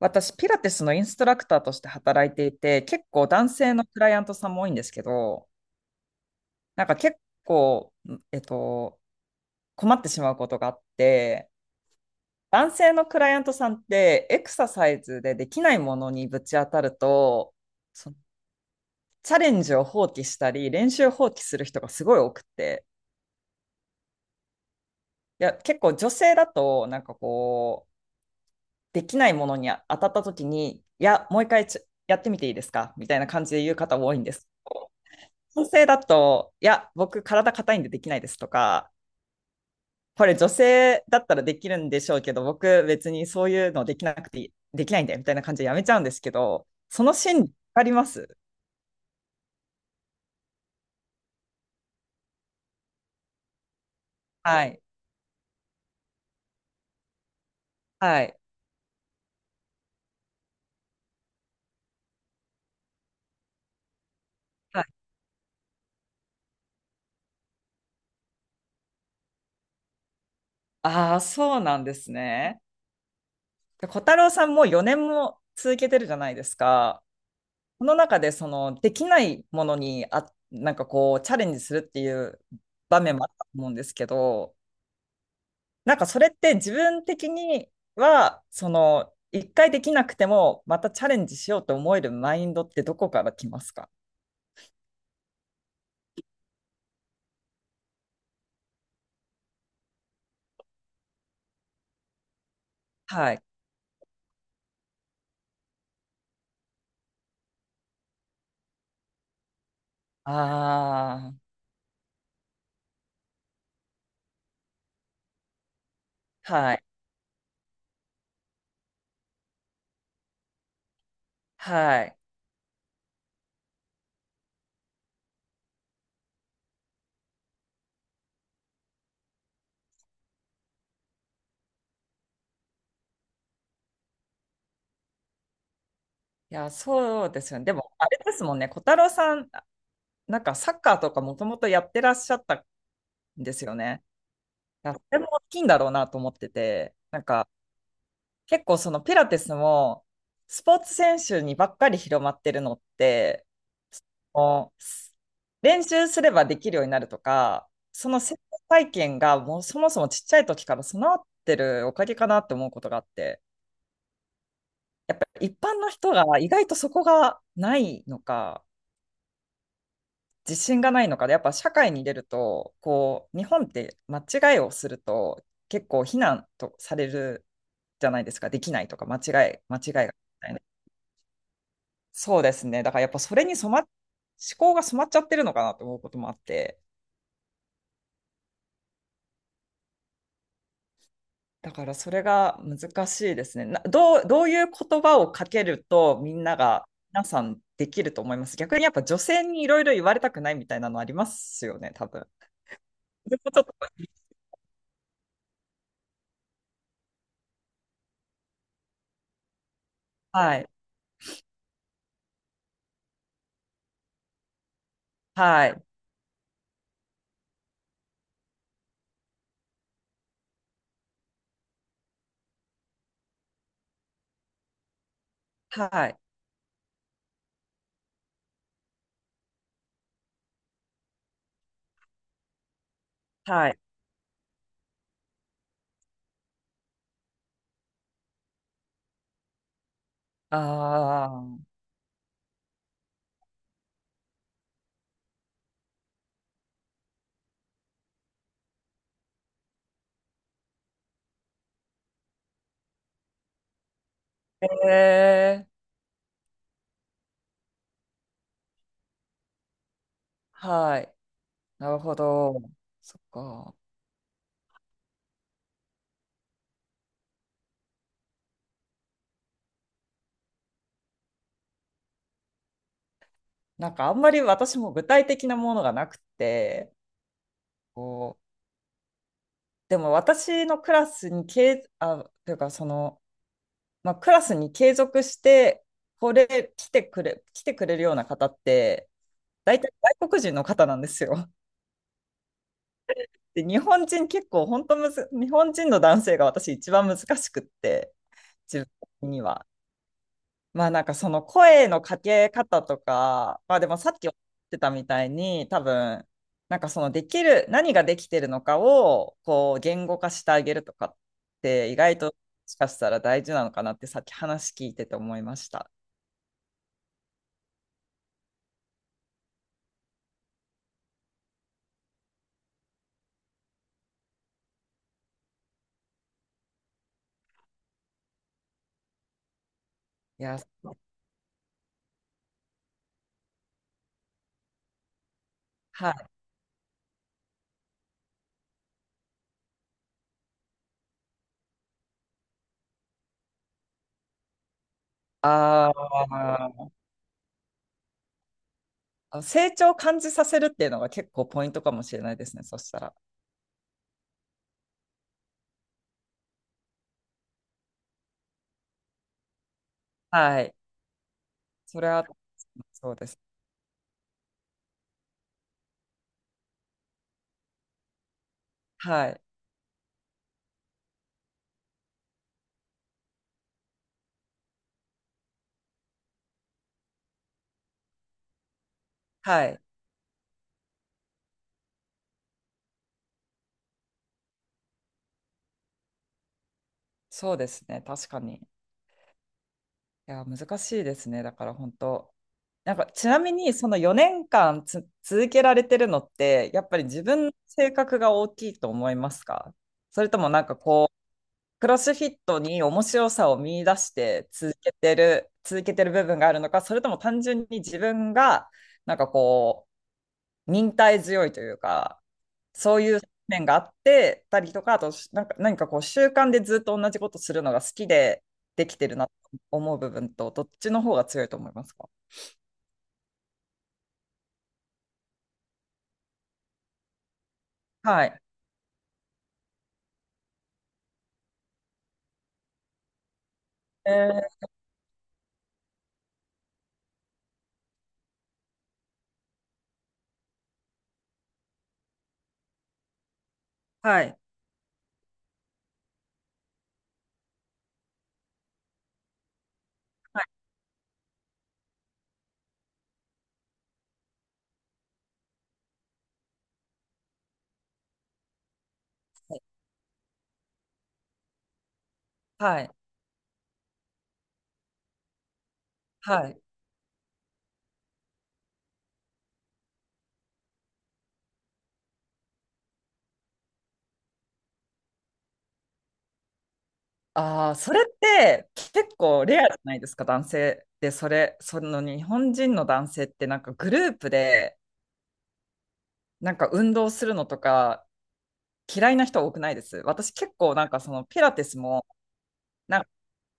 私、ピラティスのインストラクターとして働いていて、結構男性のクライアントさんも多いんですけど、なんか結構、えっと、困ってしまうことがあって、男性のクライアントさんってエクササイズでできないものにぶち当たると、そのチャレンジを放棄したり、練習を放棄する人がすごい多くて、いや、結構女性だと、なんかこう、できないものに当たった時に、いや、もう一回やってみていいですかみたいな感じで言う方多いんです。女性だと、いや、僕体硬いんでできないですとか、これ女性だったらできるんでしょうけど、僕別にそういうのできなくてできないんだよみたいな感じでやめちゃうんですけど、その心理わかります？はい。はい。はい。ああ、そうなんですね。で小太郎さんも4年も続けてるじゃないですか。この中でそのできないものになんかこうチャレンジするっていう場面もあったと思うんですけど、なんかそれって自分的には、一回できなくても、またチャレンジしようと思えるマインドってどこから来ますか？はい。ああ、はい。はい。いや、そうですよね。でも、あれですもんね。小太郎さん、なんかサッカーとかもともとやってらっしゃったんですよね。いやそれも大きいんだろうなと思ってて、なんか、結構そのピラティスも、スポーツ選手にばっかり広まってるのって、もう練習すればできるようになるとか、その成功体験がもうそもそもちっちゃい時から備わってるおかげかなって思うことがあって、やっぱ一般の人が意外とそこがないのか、自信がないのかで、やっぱ社会に出ると、こう、日本って間違いをすると結構非難とされるじゃないですか、できないとか、間違いがみたいな。そうですね。だからやっぱそれに染まっ、思考が染まっちゃってるのかなと思うこともあって。だからそれが難しいですね。などう、どういう言葉をかけるとみんなが、皆さんできると思います。逆にやっぱ女性にいろいろ言われたくないみたいなのありますよね、多分。それもちょっと、はい、はい、はい、はい。ああ、へえ、はい。なるほど。そっか。なんかあんまり私も具体的なものがなくて、こう、でも私のクラスに、けいあ、というかその、まあ、クラスに継続して、来てくれるような方って、大体外国人の方なんですよ。で、日本人結構、本当むず、日本人の男性が私一番難しくって、自分的には。まあなんかその声のかけ方とか、まあでもさっきおっしゃってたみたいに、多分、なんかそのできる、何ができてるのかを、こう、言語化してあげるとかって、意外と、もしかしたら大事なのかなってさっき話聞いてて思いました。いや、はい。ああ、成長を感じさせるっていうのが結構ポイントかもしれないですね、そしたら。はい。それは、そうです。はい。はい。そうですね、確かに。いや、難しいですね、だから本当。なんか、ちなみに、その4年間続けられてるのって、やっぱり自分の性格が大きいと思いますか？それともなんかこう、クロスフィットに面白さを見出して続けてる部分があるのか、それとも単純に自分が、なんかこう、忍耐強いというか、そういう面があってたりとか、あと、なんか何かこう、習慣でずっと同じことするのが好きでできてるなと思う部分と、どっちの方が強いと思いますか？はい。えーはい。はい。はい。はい。ああ、それって結構レアじゃないですか、男性で、その日本人の男性ってなんかグループでなんか運動するのとか嫌いな人多くないです。私結構なんかそのピラティスも、なんか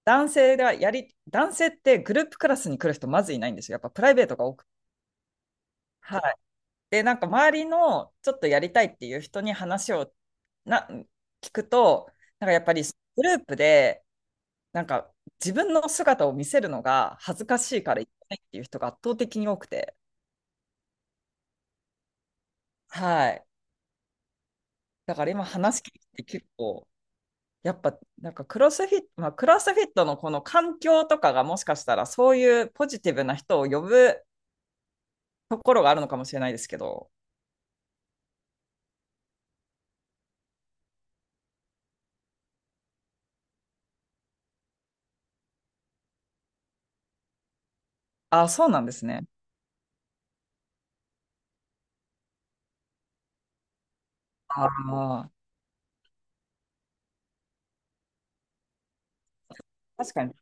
男性ではやり、男性ってグループクラスに来る人まずいないんですよ。やっぱプライベートが多く。はい。で、なんか周りのちょっとやりたいっていう人に話をな聞くと、なんかやっぱりグループでなんか自分の姿を見せるのが恥ずかしいから言えないっていう人が圧倒的に多くて、はい。だから今話聞いて結構、やっぱなんかクロスフィット、まあ、クロスフィットのこの環境とかがもしかしたらそういうポジティブな人を呼ぶところがあるのかもしれないですけど、ああ、そうなんですね。ああ、確かに。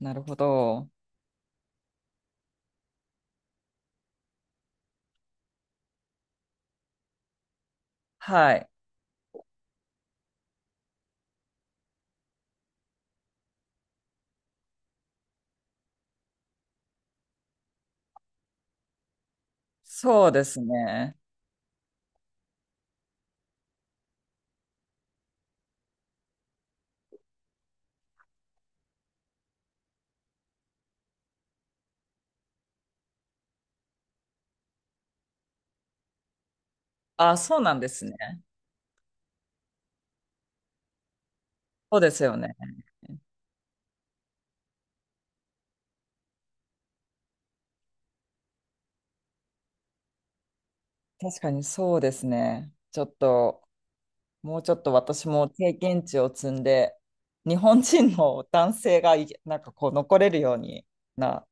なるほど。はい。そうですね。ああ、そうなんですね。そうですよね。確かにそうですね。ちょっともうちょっと私も経験値を積んで、日本人の男性がなんかこう残れるようにな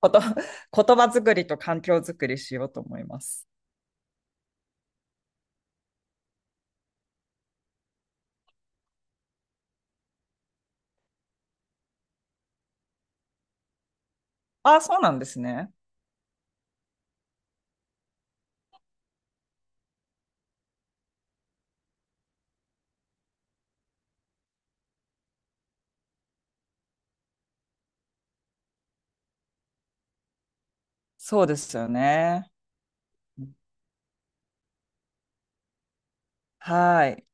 こと、言葉作りと環境作りしようと思います。ああ、そうなんですね。そうですよね。はい。